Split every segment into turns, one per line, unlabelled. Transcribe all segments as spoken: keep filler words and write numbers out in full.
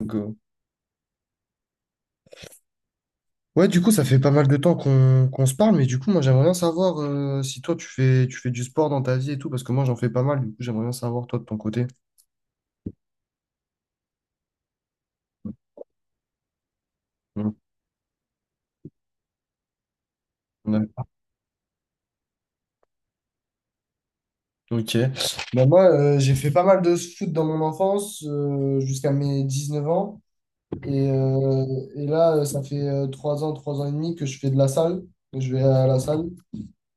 Donc, euh, ouais, du coup, ça fait pas mal de temps qu'on qu'on se parle, mais du coup, moi, j'aimerais bien savoir euh, si toi, tu fais, tu fais du sport dans ta vie et tout, parce que moi, j'en fais pas mal, du coup, j'aimerais bien savoir, toi, de ton côté. Mm. Ouais. Ok. Bah, moi, euh, j'ai fait pas mal de foot dans mon enfance, euh, jusqu'à mes dix neuf ans, et, euh, et là, euh, ça fait euh, trois ans, trois ans et demi que je fais de la salle, je vais à la salle,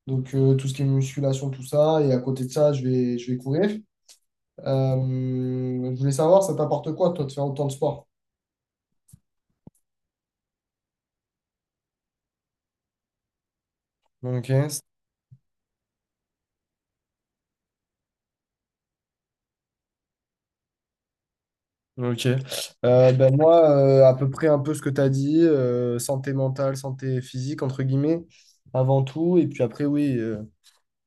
donc euh, tout ce qui est musculation, tout ça, et à côté de ça, je vais, je vais courir. Euh, je voulais savoir, ça t'apporte quoi, toi, de faire autant de sport? Ok. Ok. Euh, ben moi, euh, à peu près un peu ce que tu as dit, euh, santé mentale, santé physique, entre guillemets, avant tout. Et puis après, oui, euh,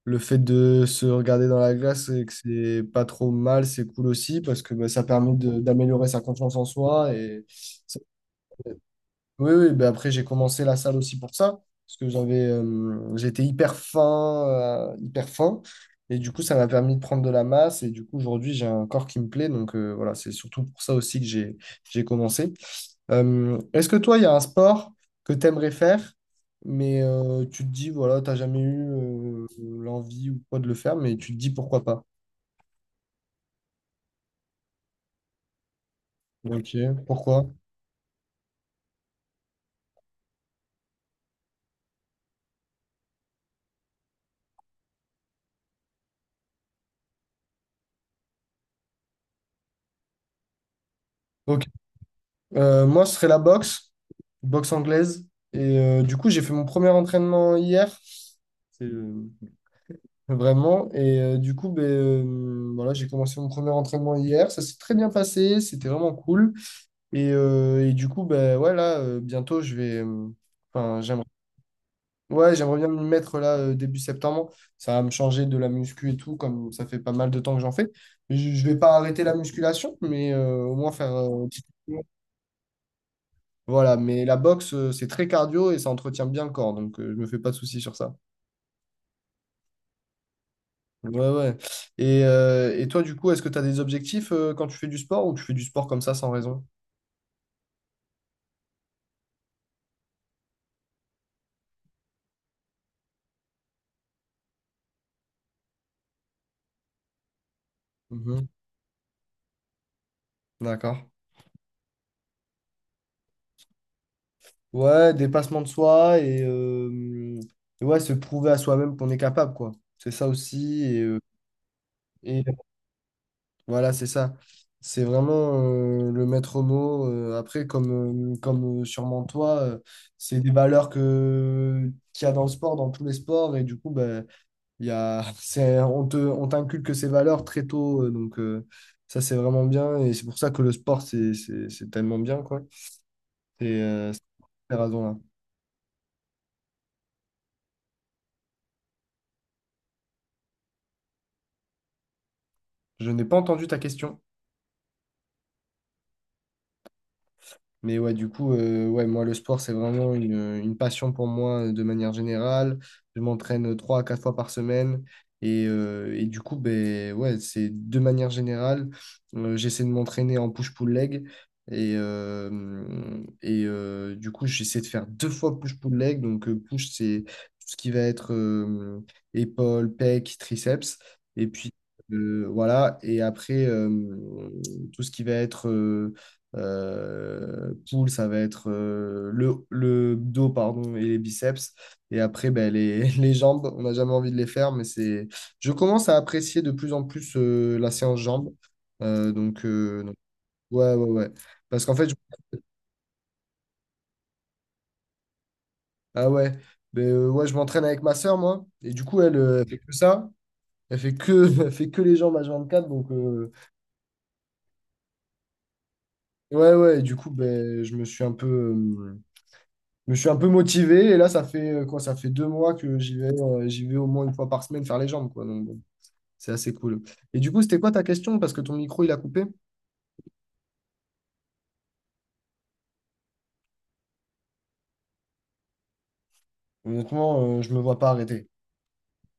le fait de se regarder dans la glace et que c'est pas trop mal, c'est cool aussi, parce que ben, ça permet de- d'améliorer sa confiance en soi et ça. Oui, oui, ben après j'ai commencé la salle aussi pour ça, parce que j'avais, euh, j'étais hyper fin, euh, hyper fin, et du coup ça m'a permis de prendre de la masse, et du coup aujourd'hui j'ai un corps qui me plaît, donc euh, voilà, c'est surtout pour ça aussi que j'ai, j'ai commencé. Euh, est-ce que toi, il y a un sport que tu aimerais faire, mais euh, tu te dis, voilà, t'as jamais eu euh, l'envie ou quoi de le faire, mais tu te dis pourquoi pas? Ok, pourquoi? Ok. Euh, moi, ce serait la boxe boxe anglaise. Et euh, du coup, j'ai fait mon premier entraînement hier. C'est euh, vraiment. Et euh, du coup, ben, euh, voilà, j'ai commencé mon premier entraînement hier. Ça s'est très bien passé. C'était vraiment cool. Et, euh, et du coup, ben, ouais, là, euh, bientôt, je vais. euh, Enfin, j'aimerais. Ouais, j'aimerais bien m'y mettre là euh, début septembre. Ça va me changer de la muscu et tout, comme ça fait pas mal de temps que j'en fais. Je, je vais pas arrêter la musculation, mais euh, au moins faire. euh, petit- Voilà, mais la boxe, euh, c'est très cardio et ça entretient bien le corps, donc euh, je me fais pas de soucis sur ça. Ouais, ouais. Et, euh, et toi, du coup, est-ce que tu as des objectifs euh, quand tu fais du sport ou tu fais du sport comme ça sans raison? Mhm. D'accord. Ouais, dépassement de soi et, euh, et ouais, se prouver à soi-même qu'on est capable, quoi. C'est ça aussi. Et, euh, et voilà, c'est ça. C'est vraiment euh, le maître mot. Euh, après, comme, euh, comme euh, sûrement toi, euh, c'est des valeurs que, qu'il y a dans le sport, dans tous les sports. Et du coup, bah, Il y a, c'est, on te, on t'inculque ces valeurs très tôt, euh, donc euh, ça c'est vraiment bien et c'est pour ça que le sport c'est c'est- c'est tellement bien quoi. Et euh, c'est pour ces raisons-là. Je n'ai pas entendu ta question. Mais ouais, du coup, euh, ouais, moi, le sport, c'est vraiment une, une passion pour moi euh, de manière générale. Je m'entraîne trois à quatre fois par semaine. Et, euh, et du coup, ben, ouais, c'est de manière générale, euh, j'essaie de m'entraîner en push-pull leg. Et, euh, et euh, du coup, j'essaie de faire deux fois push-pull leg. Donc, euh, push, c'est tout ce qui va être euh, épaules, pecs, triceps. Et puis, euh, voilà. Et après, euh, tout ce qui va être euh, euh, poule, ça va être euh, le, le dos pardon, et les biceps. Et après, ben, les, les jambes, on n'a jamais envie de les faire, mais c'est... Je commence à apprécier de plus en plus euh, la séance jambes. Euh, donc, euh, donc, ouais, ouais, ouais. Parce qu'en fait, je... Ah ouais, ben, euh, ouais, je m'entraîne avec ma sœur, moi. Et du coup, elle, euh, elle fait que ça. Elle fait que, elle fait que les jambes à quatre. Donc, euh, ouais, ouais. Et du coup, ben, je me suis un peu... euh, je me suis un peu motivé et là, ça fait euh, quoi? Ça fait deux mois que j'y vais, euh, j'y vais au moins une fois par semaine faire les jambes, quoi. Donc, bon, c'est assez cool. Et du coup, c'était quoi ta question? Parce que ton micro, il a coupé. Honnêtement, euh, je me vois pas arrêter.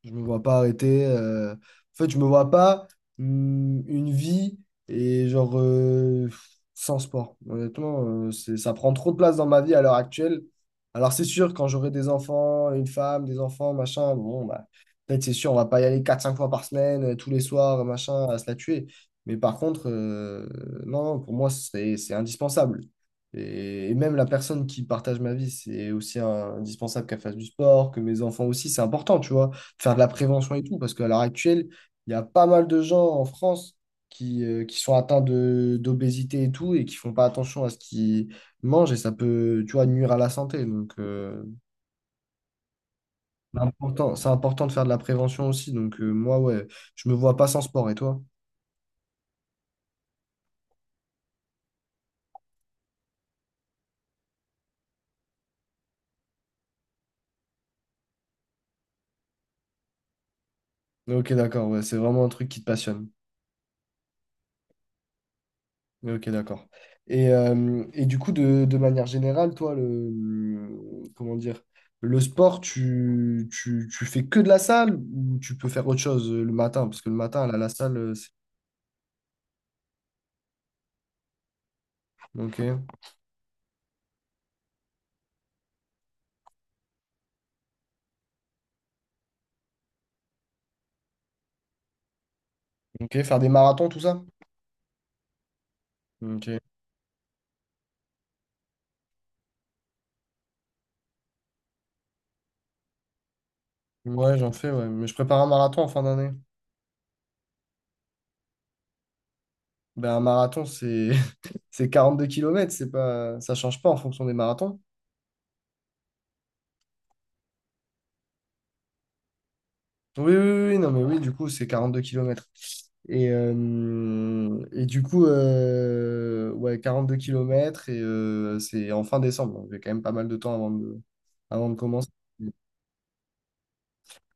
Je me vois pas arrêter. euh, En fait, je me vois pas hum, une vie et genre euh, sans sport. Honnêtement, euh, c'est- ça prend trop de place dans ma vie à l'heure actuelle. Alors c'est sûr, quand j'aurai des enfants, une femme, des enfants, machin, bon, bah, peut-être c'est sûr, on va pas y aller quatre cinq fois par semaine, euh, tous les soirs, machin, à se la tuer. Mais par contre, euh, non, non, pour moi, c'est c'est indispensable. Et, et même la personne qui partage ma vie, c'est aussi un- indispensable qu'elle fasse du sport, que mes enfants aussi, c'est important, tu vois faire de la prévention et tout, parce qu'à l'heure actuelle, il y a pas mal de gens en France qui, euh, qui sont atteints de, d'obésité et tout, et qui font pas attention à ce qu'ils mangent, et ça peut, tu vois, nuire à la santé. Donc, euh, c'est important, c'est important de faire de la prévention aussi. Donc, euh, moi, ouais, je me vois pas sans sport, et toi? Ok, d'accord, ouais, c'est vraiment un truc qui te passionne. Mais ok, d'accord. Et, euh, et du coup, de, de manière générale, toi, le, comment dire, le sport, tu, tu, tu fais que de la salle ou tu peux faire autre chose euh, le matin? Parce que le matin, là, la salle, euh, c'est... Ok. Ok, faire des marathons, tout ça? Ok. Ouais, j'en fais, ouais. Mais je prépare un marathon en fin d'année. Ben, un marathon, c'est c'est quarante-deux kilomètres, c'est pas... ça change pas en fonction des marathons. Oui, oui, oui, oui, non, mais oui, du coup, c'est quarante deux kilomètres. Et, euh, et du coup, euh, ouais, deux kilomètres et euh, c'est en fin décembre. Donc, j'ai quand même pas mal de temps avant de, avant de commencer.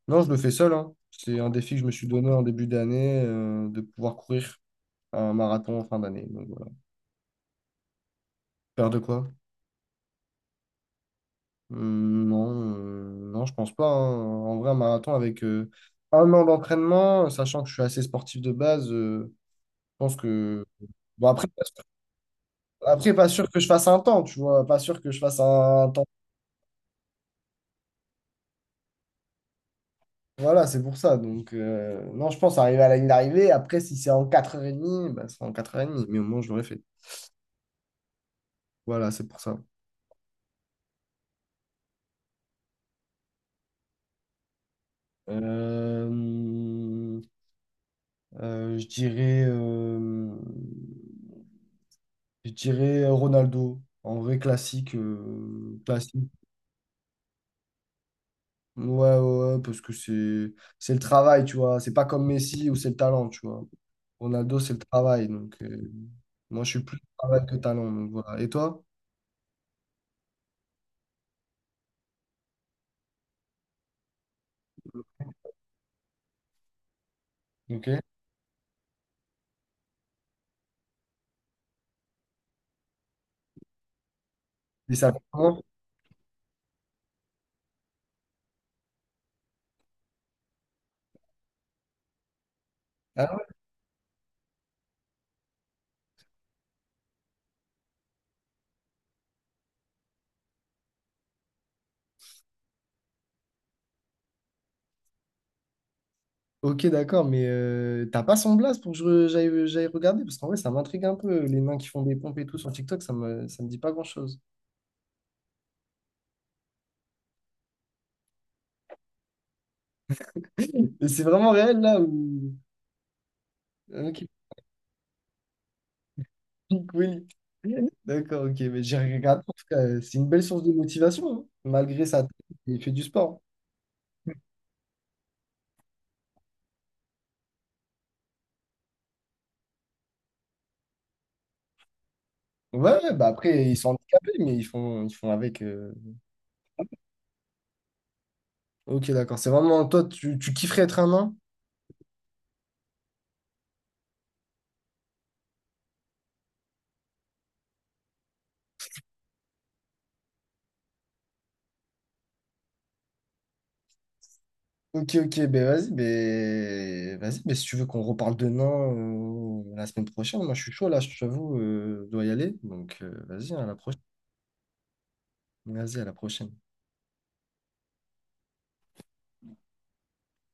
Non, je le fais seul, hein. C'est un défi que je me suis donné en début d'année, euh, de pouvoir courir un marathon en fin d'année. Donc, voilà. Peur de quoi? Hum, non, euh, non, je pense pas, hein. En vrai, un marathon avec euh, un an d'entraînement, sachant que je suis assez sportif de base, euh, je pense que... Bon, après, après, pas sûr que je fasse un temps, tu vois. Pas sûr que je fasse un temps. Voilà, c'est pour ça. Donc, euh, non, je pense arriver à la ligne d'arrivée. Après, si c'est en quatre heures trente, bah, c'est en quatre heures trente. Mais au moins, je l'aurais fait. Voilà, c'est pour ça. Euh, euh, je dirais, euh, je dirais Ronaldo. En vrai, classique. Euh, classique. Ouais, ouais, ouais, parce que c'est c'est le travail, tu vois. C'est pas comme Messi où c'est le talent, tu vois. Ronaldo, c'est le travail. Donc, euh, moi, je suis plus travail que talent. Donc, voilà. Et toi? Ok. Et ça fait comment? Ah ouais, ok, d'accord, mais euh, t'as pas son blast pour que je- j'aille j'aille regarder? Parce qu'en vrai, ça m'intrigue un peu. Les nains qui font des pompes et tout sur TikTok, ça me, ça me dit pas grand-chose. Et c'est vraiment réel, là, où... Ok, Willy. D'accord, ok, mais j'ai regardé. En tout cas, euh, c'est une belle source de motivation, hein. Malgré ça, il fait du sport. Ouais, ouais, bah après, ils sont handicapés, mais ils font, ils font avec. euh. Ok, d'accord. C'est vraiment toi, tu, tu kifferais être un nain? Ok, ok, ben vas-y, ben vas-y, ben si tu veux qu'on reparle de nains euh, la semaine prochaine, moi je suis chaud là, je t'avoue, euh, je dois y aller. Donc euh, vas-y, à la prochaine. Vas-y, à la prochaine.